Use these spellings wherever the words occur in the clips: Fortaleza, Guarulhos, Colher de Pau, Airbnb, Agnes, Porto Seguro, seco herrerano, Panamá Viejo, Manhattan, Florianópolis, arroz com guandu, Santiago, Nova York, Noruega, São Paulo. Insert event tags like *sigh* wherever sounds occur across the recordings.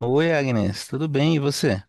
Oi, Agnes, tudo bem? E você?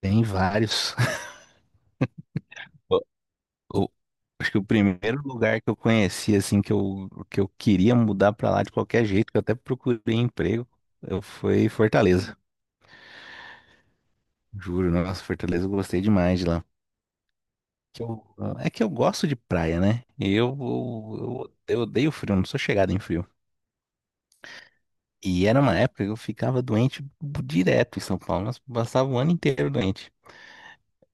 Tem vários. *laughs* O- o- acho que o primeiro lugar que eu conheci, assim, que eu queria mudar pra lá de qualquer jeito, que eu até procurei emprego, eu foi Fortaleza. Juro, nossa, Fortaleza eu gostei demais de lá. Que eu- é que eu gosto de praia, né? E eu odeio frio, não sou chegado em frio. E era uma época que eu ficava doente direto em São Paulo, mas passava o ano inteiro doente.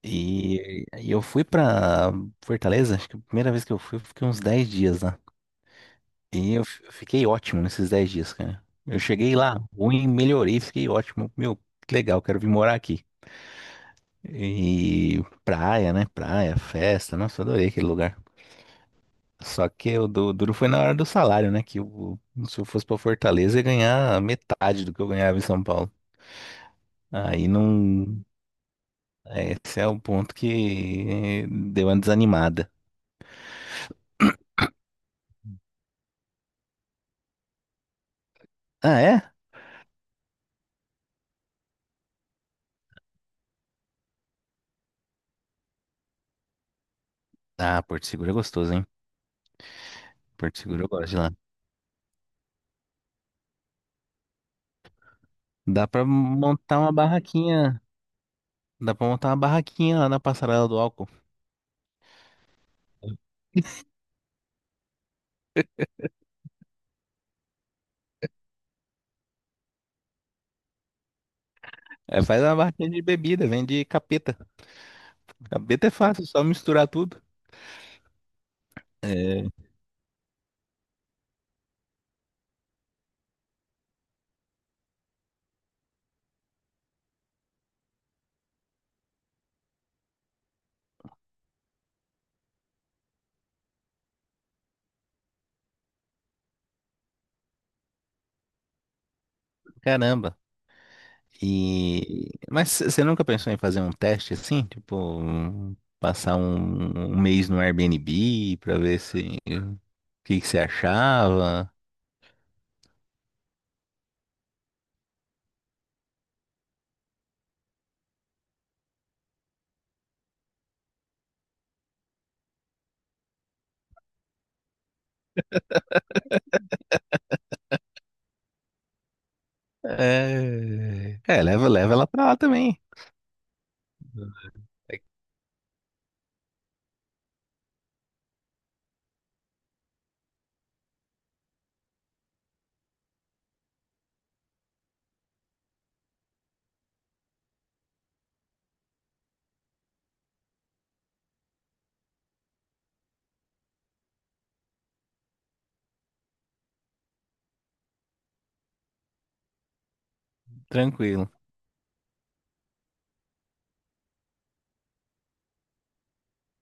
E eu fui pra Fortaleza, acho que a primeira vez que eu fui, eu fiquei uns 10 dias lá. E eu fiquei ótimo nesses 10 dias, cara. Eu cheguei lá, ruim, melhorei, fiquei ótimo. Meu, que legal, quero vir morar aqui. E praia, né? Praia, festa, nossa, eu adorei aquele lugar. Só que o duro foi na hora do salário, né? Se eu fosse pra Fortaleza, eu ia ganhar metade do que eu ganhava em São Paulo. Aí não. É, esse é o ponto que deu uma desanimada. Ah, é? Ah, Porto Seguro é gostoso, hein? Porto Seguro eu gosto de lá. Dá pra montar uma barraquinha. Dá pra montar uma barraquinha lá na passarela do álcool. É, faz uma barraquinha de bebida, vende capeta. Capeta é fácil, só misturar tudo. É, caramba. E... Mas você nunca pensou em fazer um teste assim? Tipo, passar um mês no Airbnb pra ver se o que que você achava? É, é leva, leva ela pra lá também. É tranquilo.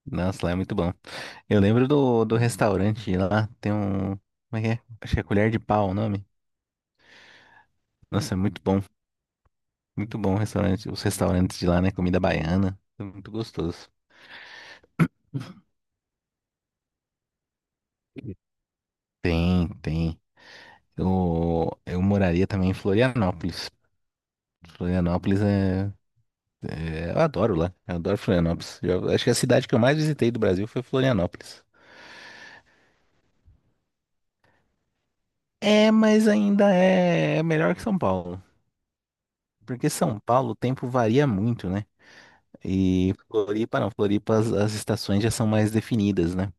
Nossa, lá é muito bom. Eu lembro do restaurante lá, tem um. Como é que é? Acho que é Colher de Pau o nome. Nossa, é muito bom. Muito bom o restaurante, os restaurantes de lá, né? Comida baiana. É muito gostoso. Tem, tem. Eu moraria também em Florianópolis. Florianópolis. Eu adoro lá. Eu adoro Florianópolis. Eu acho que a cidade que eu mais visitei do Brasil foi Florianópolis. É, mas ainda é melhor que São Paulo. Porque São Paulo o tempo varia muito, né? E Floripa não, Floripa as estações já são mais definidas, né?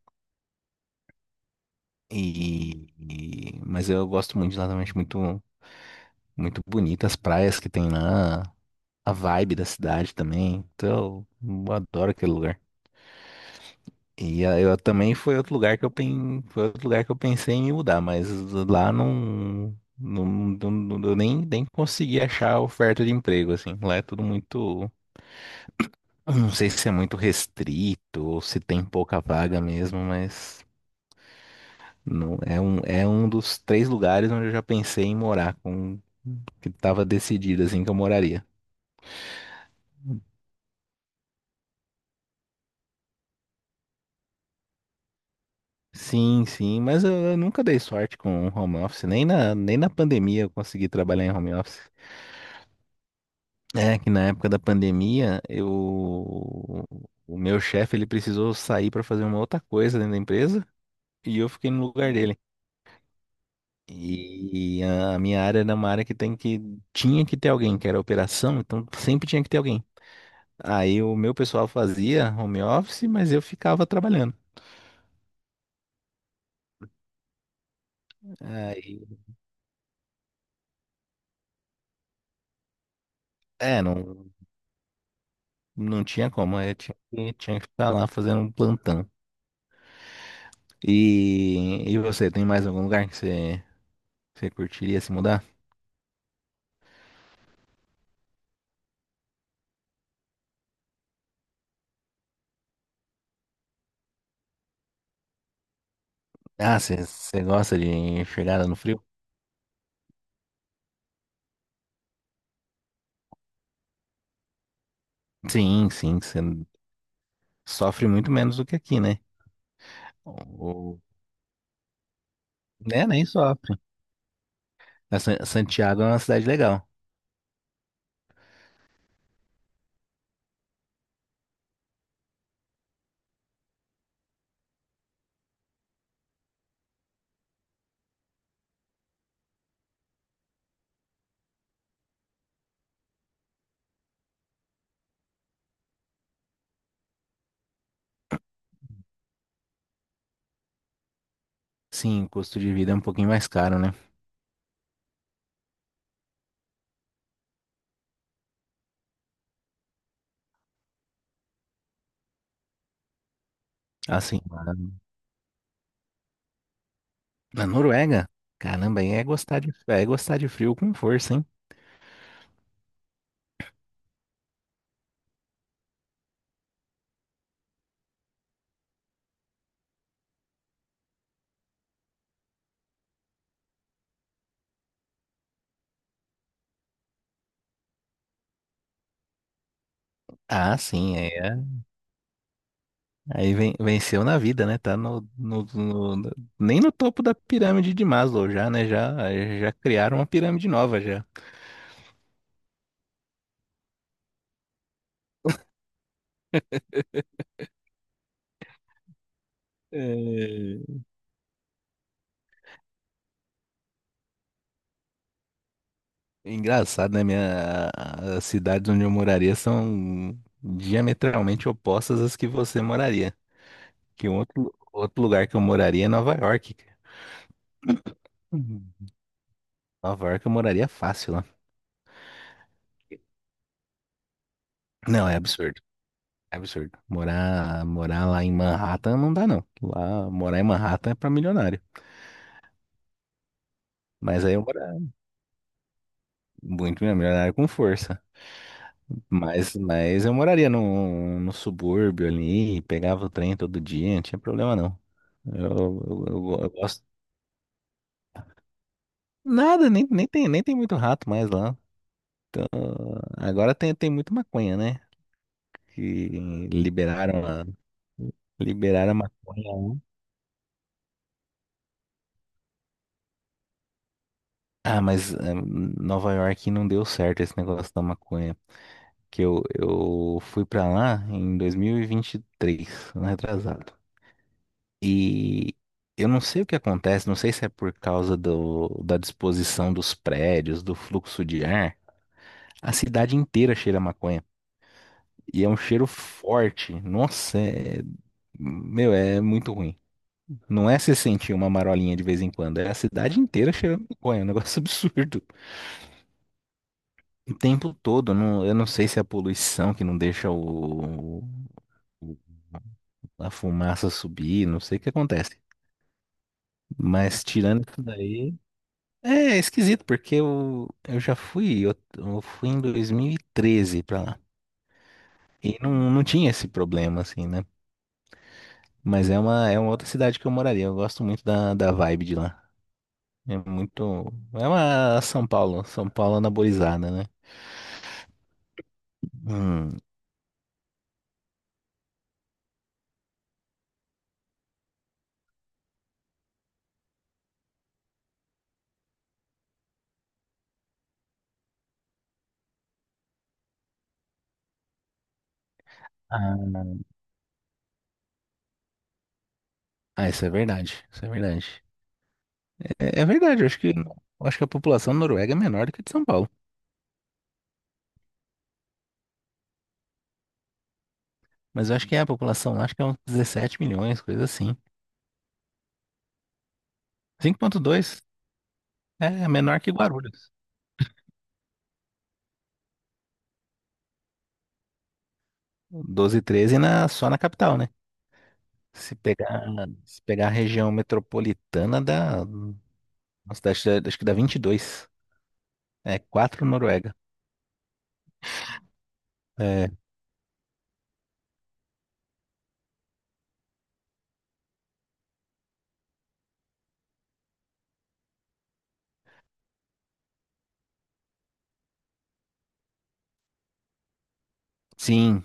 Mas eu gosto muito de lá também, acho muito, muito bonita as praias que tem lá, a vibe da cidade também. Então, eu adoro aquele lugar. Eu também foi outro lugar que eu pensei em me mudar, mas lá não, não, eu nem consegui achar oferta de emprego assim. Lá é tudo muito, eu não sei se é muito restrito ou se tem pouca vaga mesmo, mas não, é um dos três lugares onde eu já pensei em morar, com que tava decidido assim que eu moraria. Sim, sim, mas eu nunca dei sorte com home office, nem na pandemia eu consegui trabalhar em home office. É que na época da pandemia, o meu chefe ele precisou sair para fazer uma outra coisa dentro da empresa e eu fiquei no lugar dele. E a minha área era uma área que tinha que ter alguém, que era operação, então sempre tinha que ter alguém. Aí o meu pessoal fazia home office, mas eu ficava trabalhando. Aí, é, não, não tinha como, eu tinha que ficar lá fazendo um plantão. E você, tem mais algum lugar que você curtiria se mudar? Ah, você gosta de chegada no frio? Sim, sim, você sofre muito menos do que aqui, né? O, né, nem sofre. A Santiago é uma cidade legal. Sim, o custo de vida é um pouquinho mais caro, né? Assim, na Noruega? Caramba, aí é gostar de frio com força, hein? Ah, sim, aí, é, aí venceu na vida, né? Tá nem no topo da pirâmide de Maslow já, né? Já, já criaram uma pirâmide nova já. É. Engraçado, né? As cidades onde eu moraria são diametralmente opostas às que você moraria. Que um outro lugar que eu moraria é Nova York, cara. Uhum. Nova York eu moraria fácil lá. Não, é absurdo. É absurdo. Morar, morar lá em Manhattan não dá, não. Lá, morar em Manhattan é pra milionário. Mas aí eu moraria muito mesmo, milionário com força. Mas eu moraria no subúrbio ali, pegava o trem todo dia, não tinha problema não. Eu, eu gosto. Nada, nem tem muito rato mais lá. Ah, agora tem muito maconha, né? Que liberaram a, liberaram a maconha lá. Ah, mas Nova York não deu certo esse negócio da maconha. Que eu fui pra lá em 2023, ano retrasado. E eu não sei o que acontece, não sei se é por causa do, da disposição dos prédios, do fluxo de ar, a cidade inteira cheira a maconha. E é um cheiro forte. Nossa, meu, é muito ruim. Não é se sentir uma marolinha de vez em quando, é a cidade inteira cheirando maconha, é um negócio *laughs* absurdo. O tempo todo, eu não sei se é a poluição que não deixa o, a fumaça subir, não sei o que acontece. Mas tirando isso daí, é esquisito, porque eu fui em 2013 pra lá. E não, não tinha esse problema, assim, né? Mas é uma outra cidade que eu moraria. Eu gosto muito da vibe de lá. É muito. É uma São Paulo, São Paulo anabolizada, né? Hum. Ah, ah, isso é verdade. Isso é verdade. É, é verdade, eu acho que a população da Noruega é menor do que a de São Paulo. Mas eu acho que é a população lá, acho que é uns 17 milhões, coisa assim. 5,2 é menor que Guarulhos. 12, 13 só na capital, né? Se pegar, se pegar a região metropolitana, da nossa, dá- acho acho que dá 22. É 4 Noruega. É, sim,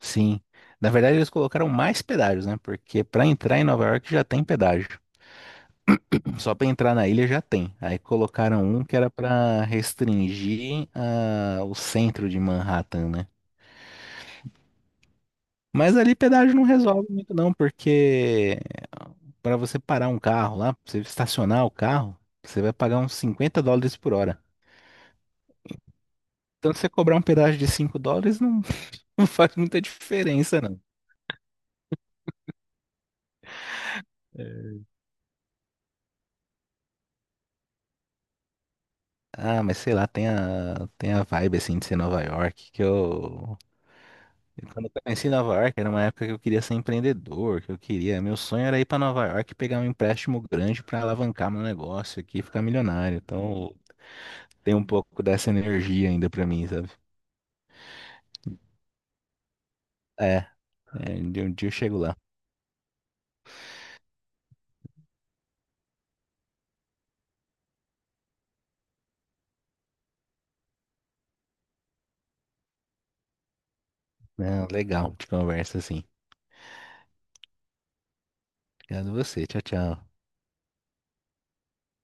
sim. Na verdade, eles colocaram mais pedágios, né? Porque para entrar em Nova York já tem pedágio. Só para entrar na ilha já tem. Aí colocaram um que era para restringir o centro de Manhattan, né? Mas ali pedágio não resolve muito não, porque para você parar um carro lá, pra você estacionar o carro, você vai pagar uns US$ 50 por hora. Então você cobrar um pedágio de US$ 5 não, *laughs* não faz muita diferença não. Ah, mas sei lá, tem a vibe assim de ser Nova York, que eu Quando eu conheci Nova York, era uma época que eu queria ser empreendedor. Meu sonho era ir para Nova York e pegar um empréstimo grande para alavancar meu negócio aqui e ficar milionário. Então tem um pouco dessa energia ainda para mim, sabe? É. É, de um dia eu chego lá. Não, legal de conversa assim. Obrigado a você. Tchau, tchau.